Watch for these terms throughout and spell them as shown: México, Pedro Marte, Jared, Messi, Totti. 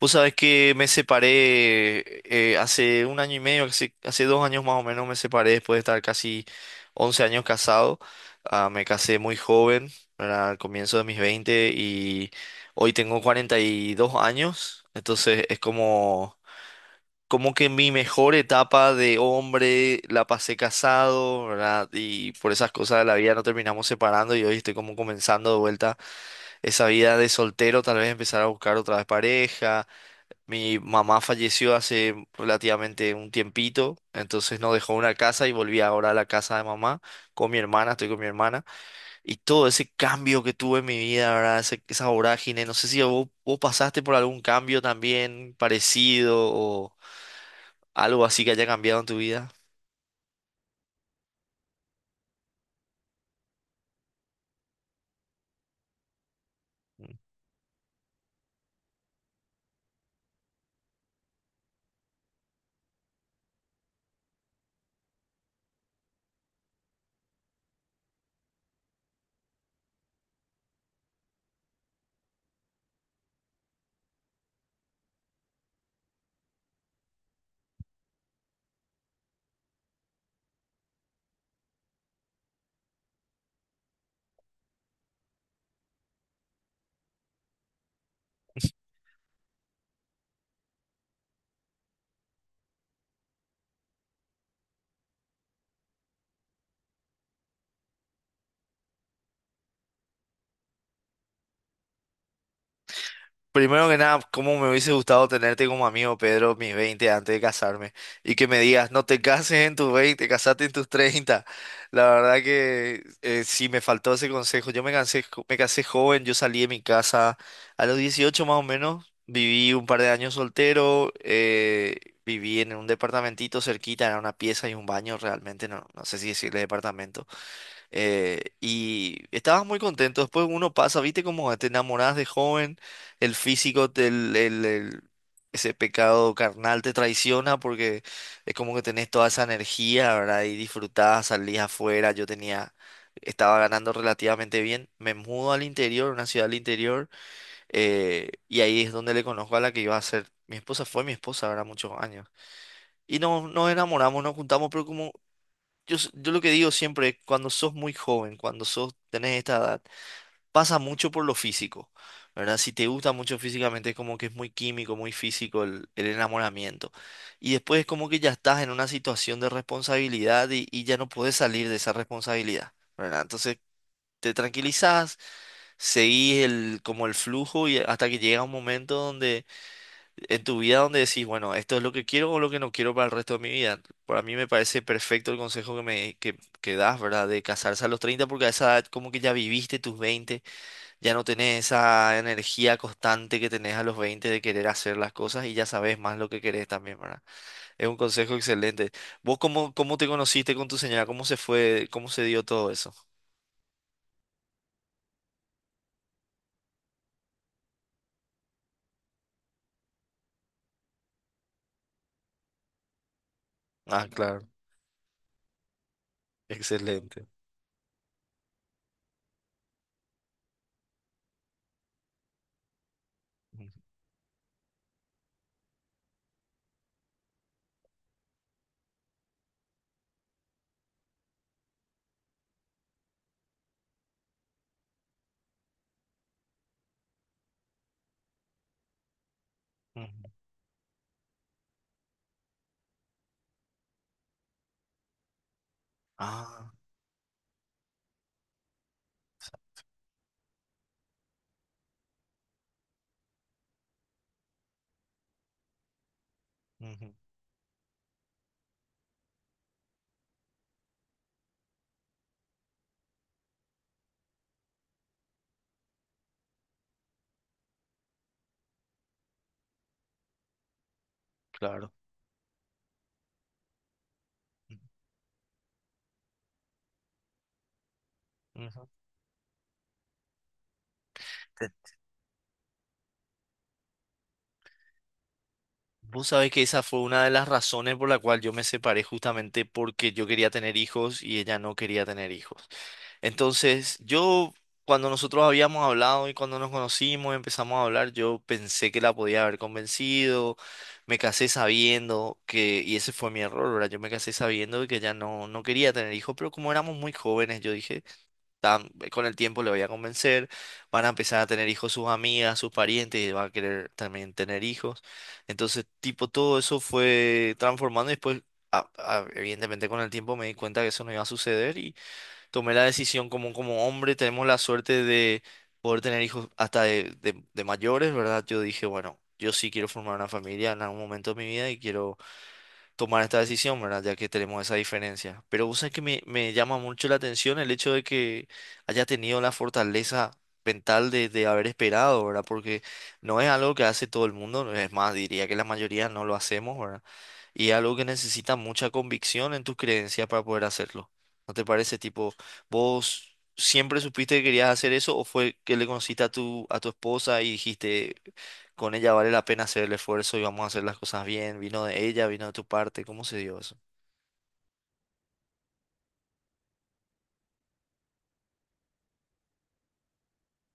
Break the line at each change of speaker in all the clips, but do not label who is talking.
Vos sabés que me separé hace un año y medio, hace dos años más o menos me separé después de estar casi 11 años casado. Ah, me casé muy joven, ¿verdad? Al comienzo de mis 20 y hoy tengo 42 años. Entonces es como, como que mi mejor etapa de hombre la pasé casado, ¿verdad? Y por esas cosas de la vida no terminamos separando y hoy estoy como comenzando de vuelta esa vida de soltero, tal vez empezar a buscar otra vez pareja mi mamá falleció hace relativamente un tiempito, entonces nos dejó una casa y volví ahora a la casa de mamá con mi hermana, estoy con mi hermana. Y todo ese cambio que tuve en mi vida, ¿verdad? Esa vorágine, no sé si vos pasaste por algún cambio también parecido o algo así que haya cambiado en tu vida. Mm. Primero que nada, cómo me hubiese gustado tenerte como amigo, Pedro, mis 20 antes de casarme. Y que me digas, no te cases en tus 20, casate en tus 30. La verdad que sí me faltó ese consejo. Yo me cansé, me casé joven, yo salí de mi casa a los 18 más o menos. Viví un par de años soltero, viví en un departamentito cerquita, era una pieza y un baño realmente, no sé si decirle departamento. Y estabas muy contento. Después uno pasa, viste como te enamorás de joven, el físico, ese pecado carnal te traiciona porque es como que tenés toda esa energía, ¿verdad? Y disfrutás, salís afuera. Yo tenía, estaba ganando relativamente bien. Me mudo al interior, una ciudad al interior, y ahí es donde le conozco a la que iba a ser. Mi esposa fue mi esposa, ¿verdad? Muchos años. Y nos enamoramos, nos juntamos, pero como yo lo que digo siempre, cuando sos muy joven, cuando sos, tenés esta edad, pasa mucho por lo físico, ¿verdad? Si te gusta mucho físicamente, es como que es muy químico, muy físico el enamoramiento. Y después es como que ya estás en una situación de responsabilidad y ya no podés salir de esa responsabilidad, ¿verdad? Entonces te tranquilizás, seguís el, como el flujo y hasta que llega un momento donde en tu vida donde decís, bueno, esto es lo que quiero o lo que no quiero para el resto de mi vida. Para mí me parece perfecto el consejo que das, ¿verdad? De casarse a los 30 porque a esa edad como que ya viviste tus veinte ya no tenés esa energía constante que tenés a los 20 de querer hacer las cosas y ya sabes más lo que querés también, ¿verdad? Es un consejo excelente. ¿Vos cómo te conociste con tu señora? ¿Cómo se fue? ¿Cómo se dio todo eso? Ah, claro. Excelente. Ujú. Ah, ujú, claro. Ujú. Vos sabés que esa fue una de las razones por la cual yo me separé justamente porque yo quería tener hijos y ella no quería tener hijos. Entonces, yo, cuando nosotros habíamos hablado y cuando nos conocimos, y empezamos a hablar, yo pensé que la podía haber convencido, me casé sabiendo que, y ese fue mi error, ¿verdad? Yo me casé sabiendo que ella no quería tener hijos, pero como éramos muy jóvenes, yo dije con el tiempo le voy a convencer, van a empezar a tener hijos sus amigas, sus parientes, y va a querer también tener hijos. Entonces, tipo, todo eso fue transformando y después, evidentemente con el tiempo me di cuenta que eso no iba a suceder y tomé la decisión como, como hombre, tenemos la suerte de poder tener hijos hasta de mayores, ¿verdad? Yo dije, bueno, yo sí quiero formar una familia en algún momento de mi vida y quiero tomar esta decisión, ¿verdad? Ya que tenemos esa diferencia. Pero vos sabés que me llama mucho la atención el hecho de que haya tenido la fortaleza mental de haber esperado, ¿verdad? Porque no es algo que hace todo el mundo, es más, diría que la mayoría no lo hacemos, ¿verdad? Y es algo que necesita mucha convicción en tus creencias para poder hacerlo. ¿No te parece? Tipo, vos siempre supiste que querías hacer eso o fue que le conociste a a tu esposa y dijiste, con ella vale la pena hacer el esfuerzo y vamos a hacer las cosas bien. Vino de ella, vino de tu parte. ¿Cómo se dio eso?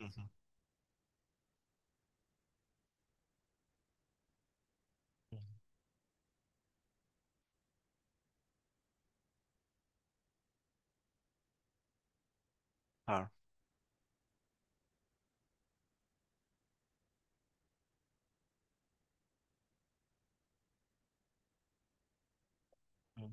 Ujú, ujú, claro, ujú.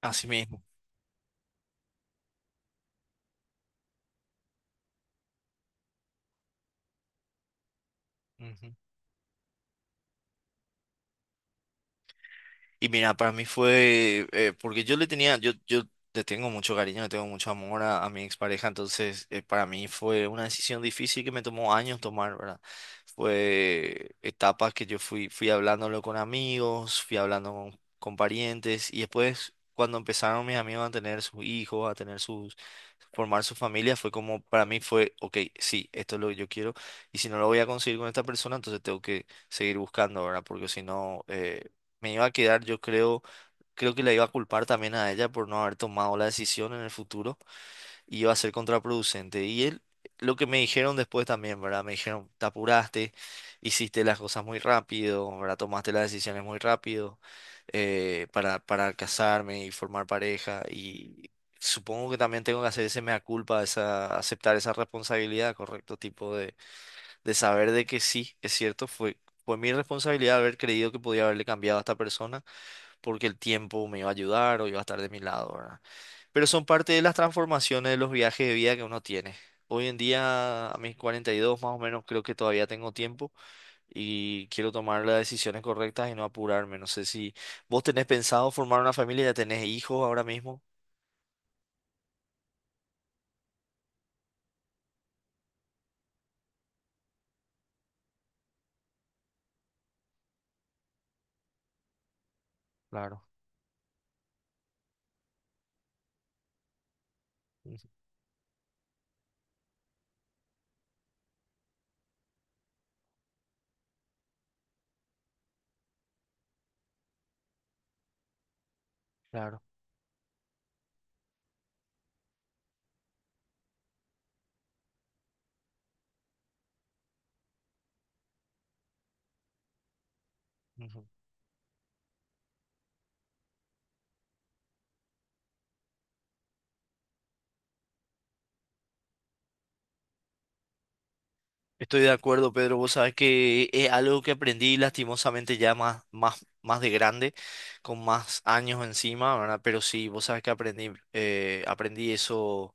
Así mismo. Ujú. Y mira, para mí fue, porque yo le tenía, yo le tengo mucho cariño, le tengo mucho amor a mi expareja, entonces para mí fue una decisión difícil que me tomó años tomar, ¿verdad? Fue etapas que yo fui hablándolo con amigos, fui hablando con parientes, y después cuando empezaron mis amigos a tener sus hijos, a tener sus, formar su familia, fue como, para mí fue, ok, sí, esto es lo que yo quiero, y si no lo voy a conseguir con esta persona, entonces tengo que seguir buscando, ¿verdad? Porque si no... me iba a quedar, yo creo, creo que la iba a culpar también a ella por no haber tomado la decisión en el futuro y iba a ser contraproducente. Y él, lo que me dijeron después también, ¿verdad? Me dijeron, te apuraste, hiciste las cosas muy rápido, ¿verdad? Tomaste las decisiones muy rápido para casarme y formar pareja. Y supongo que también tengo que hacer ese mea culpa, esa, aceptar esa responsabilidad, ¿correcto? Tipo de saber de que sí, es cierto, fue, fue mi responsabilidad haber creído que podía haberle cambiado a esta persona porque el tiempo me iba a ayudar o iba a estar de mi lado, ¿verdad? Pero son parte de las transformaciones de los viajes de vida que uno tiene. Hoy en día, a mis 42 más o menos, creo que todavía tengo tiempo y quiero tomar las decisiones correctas y no apurarme. No sé si vos tenés pensado formar una familia, ya tenés hijos ahora mismo. Claro, ujú, claro. Estoy de acuerdo, Pedro. Vos sabés que es algo que aprendí lastimosamente ya más de grande, con más años encima, ¿verdad? Pero sí, vos sabés que aprendí, aprendí eso.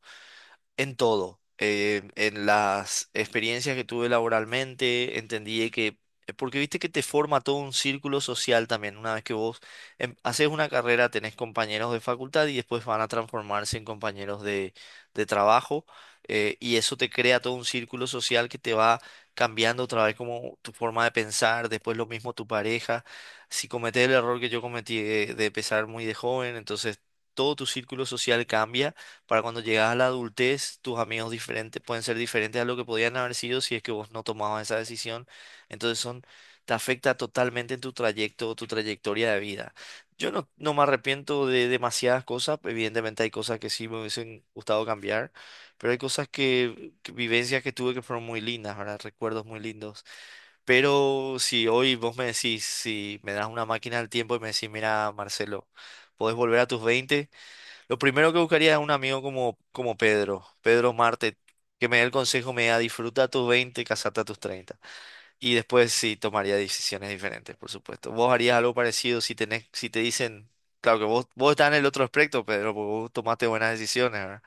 En todo, en las experiencias que tuve laboralmente, entendí que, porque viste que te forma todo un círculo social también, una vez que vos haces una carrera, tenés compañeros de facultad y después van a transformarse en compañeros de trabajo, y eso te crea todo un círculo social que te va cambiando otra vez como tu forma de pensar, después lo mismo tu pareja, si cometés el error que yo cometí de empezar muy de joven, entonces todo tu círculo social cambia para cuando llegas a la adultez, tus amigos diferentes pueden ser diferentes a lo que podían haber sido si es que vos no tomabas esa decisión. Entonces son, te afecta totalmente en tu trayecto, tu trayectoria de vida. Yo no, no me arrepiento de demasiadas cosas, evidentemente hay cosas que sí me hubiesen gustado cambiar, pero hay cosas vivencias que tuve que fueron muy lindas, ¿verdad? Recuerdos muy lindos. Pero si hoy vos me decís, si me das una máquina del tiempo y me decís, mira, Marcelo, podés volver a tus 20. Lo primero que buscaría es un amigo como, como Pedro, Pedro Marte, que me dé el consejo, me diga, disfruta tus 20 casate a tus treinta. Y después sí tomaría decisiones diferentes, por supuesto. Vos harías algo parecido si tenés, si te dicen, claro que vos estás en el otro aspecto, Pedro, porque vos tomaste buenas decisiones.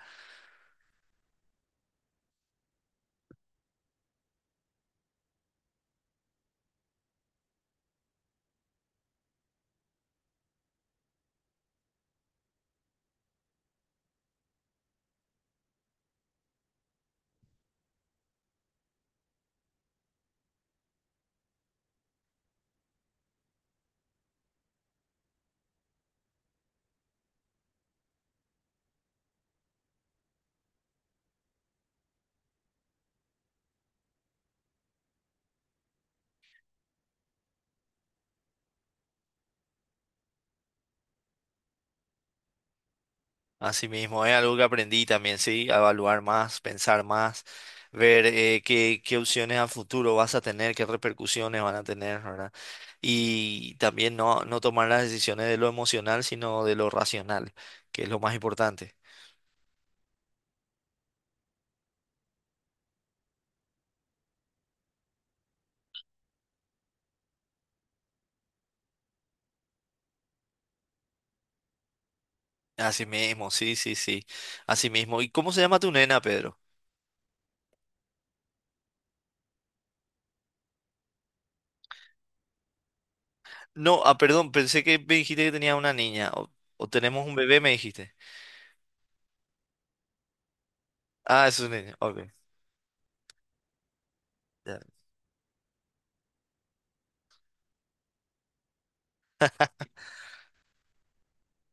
Así mismo, es algo que aprendí también, sí, a evaluar más, pensar más, ver qué opciones a futuro vas a tener, qué repercusiones van a tener, ¿verdad? Y también no tomar las decisiones de lo emocional, sino de lo racional, que es lo más importante. Así mismo, sí, sí, sí, así mismo. ¿Y cómo se llama tu nena, Pedro? No, ah, perdón, pensé que me dijiste que tenía una niña, o tenemos un bebé, me dijiste. Ah, es un niño, ok.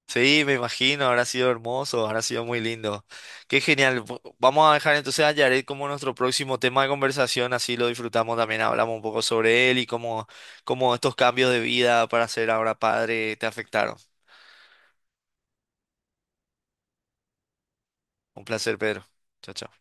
Sí, me imagino, habrá sido hermoso, habrá sido muy lindo. Qué genial. Vamos a dejar entonces a Jared como nuestro próximo tema de conversación, así lo disfrutamos también, hablamos un poco sobre él y cómo estos cambios de vida para ser ahora padre te afectaron. Un placer, Pedro. Chao, chao.